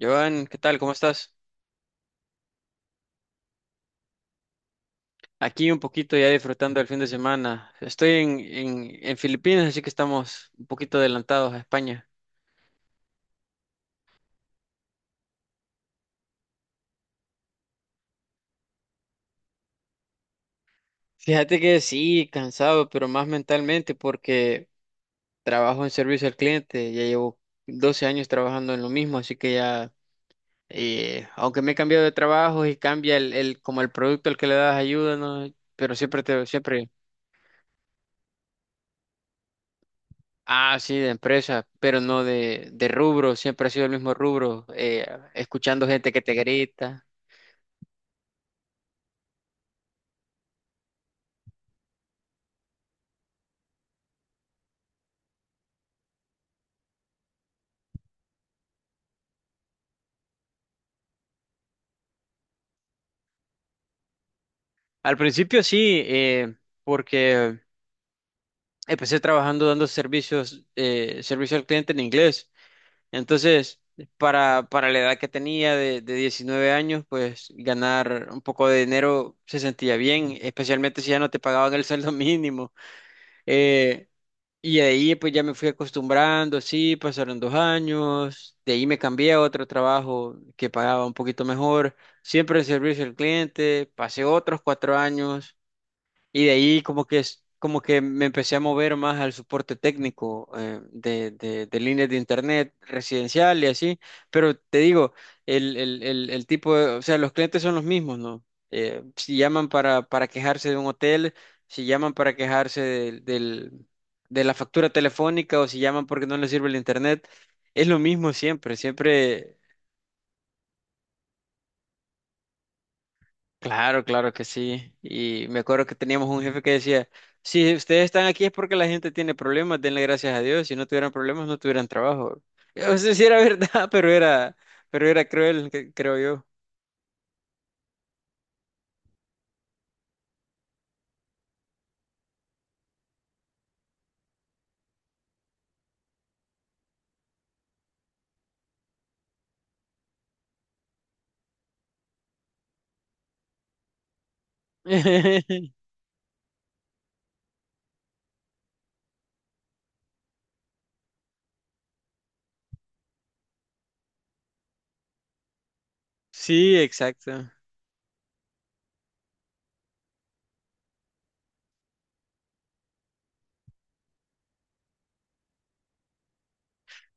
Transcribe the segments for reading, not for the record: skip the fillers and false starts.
Joan, ¿qué tal? ¿Cómo estás? Aquí un poquito ya disfrutando el fin de semana. Estoy en Filipinas, así que estamos un poquito adelantados a España. Fíjate que sí, cansado, pero más mentalmente porque trabajo en servicio al cliente. Ya llevo 12 años trabajando en lo mismo, así que ya, aunque me he cambiado de trabajo y cambia como el producto al que le das ayuda, ¿no? Pero siempre te, siempre. Ah, sí, de empresa, pero no de rubro, siempre ha sido el mismo rubro, escuchando gente que te grita. Al principio sí, porque empecé trabajando dando servicios, servicio al cliente en inglés. Entonces, para la edad que tenía de 19 años, pues ganar un poco de dinero se sentía bien, especialmente si ya no te pagaban el sueldo mínimo. Eh, Y de ahí pues ya me fui acostumbrando, sí, pasaron 2 años, de ahí me cambié a otro trabajo que pagaba un poquito mejor, siempre en servicio al cliente, pasé otros 4 años y de ahí como que es como que me empecé a mover más al soporte técnico de líneas de internet residencial y así. Pero te digo, el tipo de... O sea, los clientes son los mismos, ¿no? Si llaman para quejarse de un hotel, si llaman para quejarse de la factura telefónica o si llaman porque no les sirve el internet, es lo mismo siempre. Siempre. Claro, claro que sí. Y me acuerdo que teníamos un jefe que decía, si ustedes están aquí es porque la gente tiene problemas, denle gracias a Dios. Si no tuvieran problemas, no tuvieran trabajo. No sé si era verdad, pero era cruel, que- creo yo. Sí, exacto.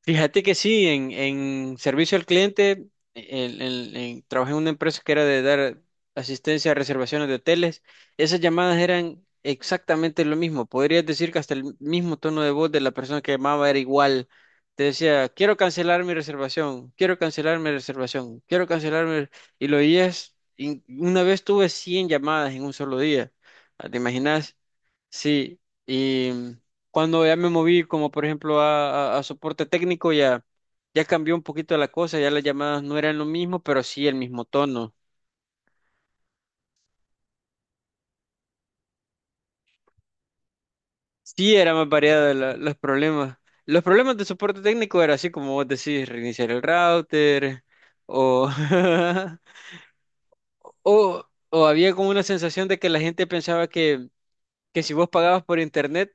Fíjate que sí, en servicio al cliente, trabajé en una empresa que era de dar asistencia a reservaciones de hoteles. Esas llamadas eran exactamente lo mismo. Podrías decir que hasta el mismo tono de voz de la persona que llamaba era igual. Te decía, quiero cancelar mi reservación, quiero cancelar mi reservación, quiero cancelar mi... Y lo oías, y una vez tuve 100 llamadas en un solo día. Ah, ¿te imaginas? Sí, y... Cuando ya me moví, como por ejemplo a, a soporte técnico, ya, ya cambió un poquito la cosa, ya las llamadas no eran lo mismo, pero sí el mismo tono. Sí, era más variada la- los problemas. Los problemas de soporte técnico era así como vos decís, reiniciar el router o, o había como una sensación de que la gente pensaba que si vos pagabas por internet,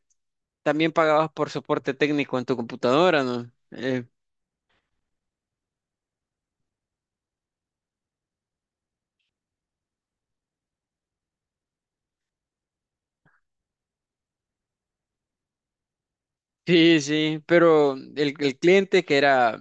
también pagabas por soporte técnico en tu computadora, ¿no? Sí, sí, pero el cliente que era...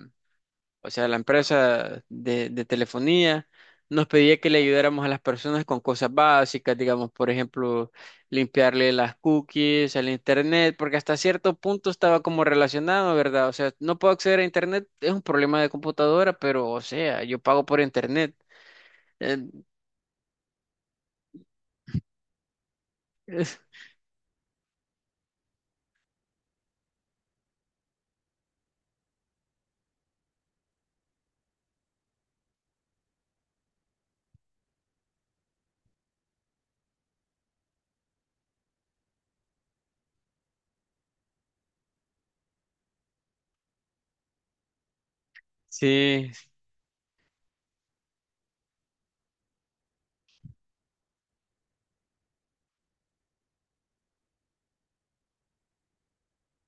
O sea, la empresa de telefonía, nos pedía que le ayudáramos a las personas con cosas básicas, digamos, por ejemplo, limpiarle las cookies al internet, porque hasta cierto punto estaba como relacionado, ¿verdad? O sea, no puedo acceder a internet, es un problema de computadora, pero, o sea, yo pago por internet. Eh, es- Sí,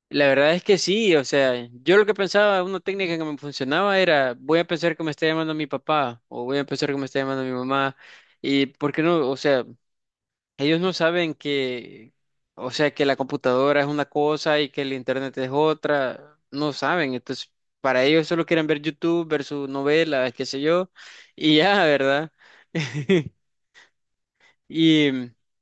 la verdad es que sí, o sea, yo lo que pensaba, una técnica que me funcionaba era, voy a pensar que me está llamando mi papá o voy a pensar que me está llamando mi mamá y, ¿por qué no? O sea, ellos no saben que, o sea, que la computadora es una cosa y que el internet es otra, no saben. Entonces, para ellos solo quieren ver YouTube, ver sus novelas, qué sé yo, y ya, ¿verdad? Y entonces,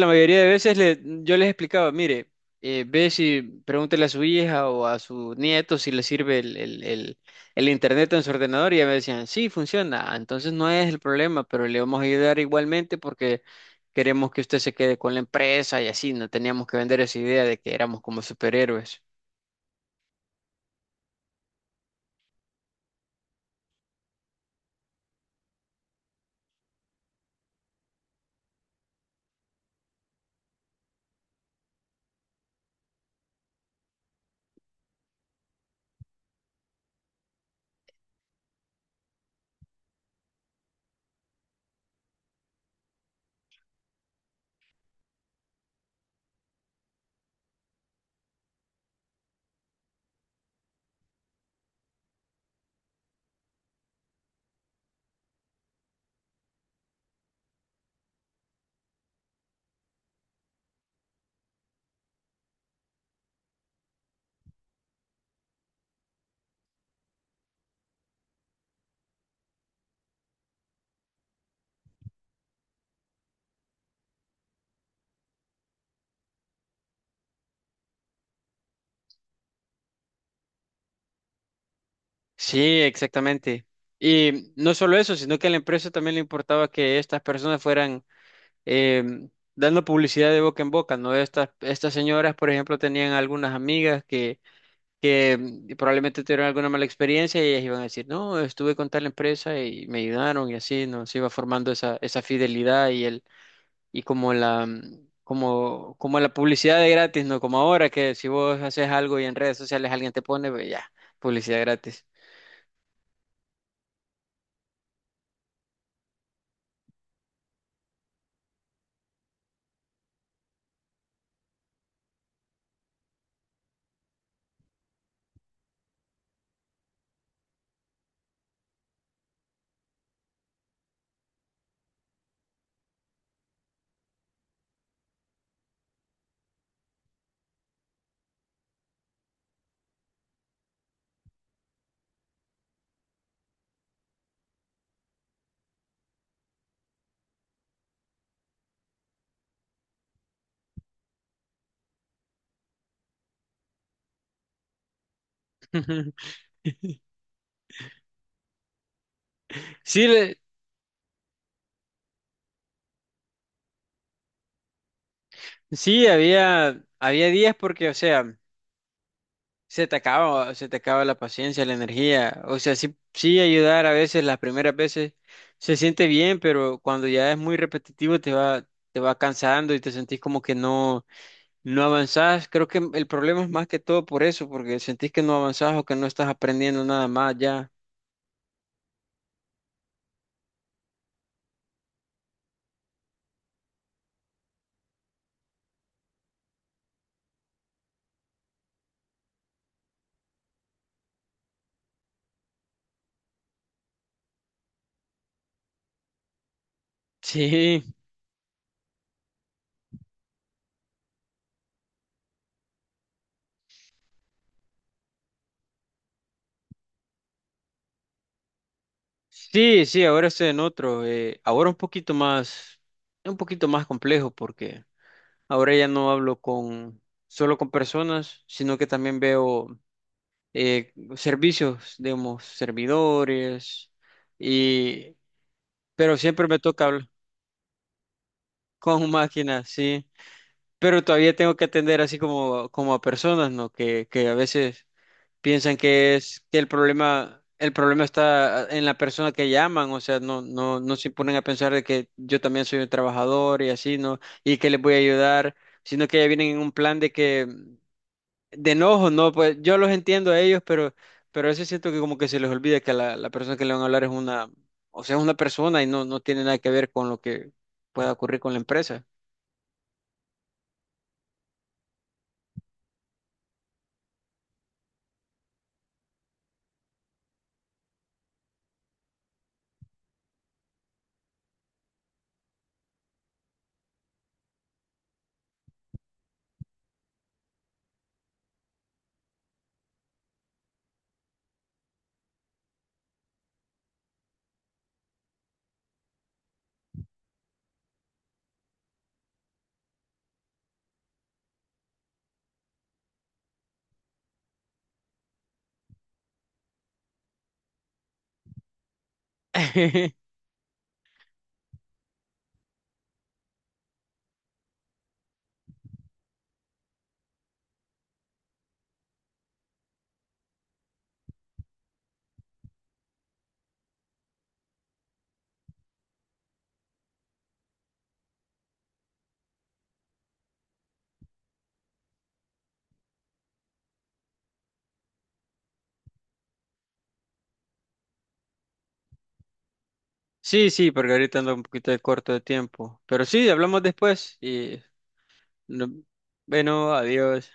la mayoría de veces le- yo les explicaba, mire, ve si pregúntele a su hija o a su nieto si le sirve el internet en su ordenador y ya me decían, sí, funciona. Ah, entonces no es el problema, pero le vamos a ayudar igualmente porque queremos que usted se quede con la empresa y así, no teníamos que vender esa idea de que éramos como superhéroes. Sí, exactamente. Y no solo eso, sino que a la empresa también le importaba que estas personas fueran eh, dando publicidad de boca en boca, ¿no? Estas, estas señoras, por ejemplo, tenían algunas amigas que mm, probablemente tuvieron alguna mala experiencia y ellas iban a decir, no, estuve con tal empresa y me ayudaron y así, ¿no? Se iba formando esa, esa fidelidad y el, y como la, mm, como, como la publicidad de gratis, ¿no? Como ahora que si vos haces algo y en redes sociales alguien te pone, pues ya, publicidad gratis. Sí, le- sí, había, había días porque, o sea, se te acaba, se te acaba la paciencia, la energía. O sea, sí, sí ayudar a veces, las primeras veces se siente bien, pero cuando ya es muy repetitivo te va cansando y te sentís como que no, no avanzás. Creo que el problema es más que todo por eso, porque sentís que no avanzás o que no estás aprendiendo nada más ya. Sí, sí, sí, ahora estoy en otro. Eh, ahora un poquito más complejo, porque ahora ya no hablo con, solo con personas, sino que también veo. Eh, servicios, digamos, servidores, y, pero siempre me toca hablar con máquinas, sí, pero todavía tengo que atender así como, como a personas, ¿no? Que a veces piensan que es que el problema está en la persona que llaman, o sea, no, no, no se ponen a pensar de que yo también soy un trabajador y así, ¿no? Y que les voy a ayudar, sino que ya vienen en un plan de que... De enojo, no, pues yo los entiendo a ellos, pero a veces siento que como que se les olvida que la persona que le van a hablar es una, o sea, es una persona y no, no tiene nada que ver con lo que pueda ocurrir con la empresa. Sí, sí, porque ahorita ando un poquito de corto de tiempo, pero sí, hablamos después y no- bueno, adiós.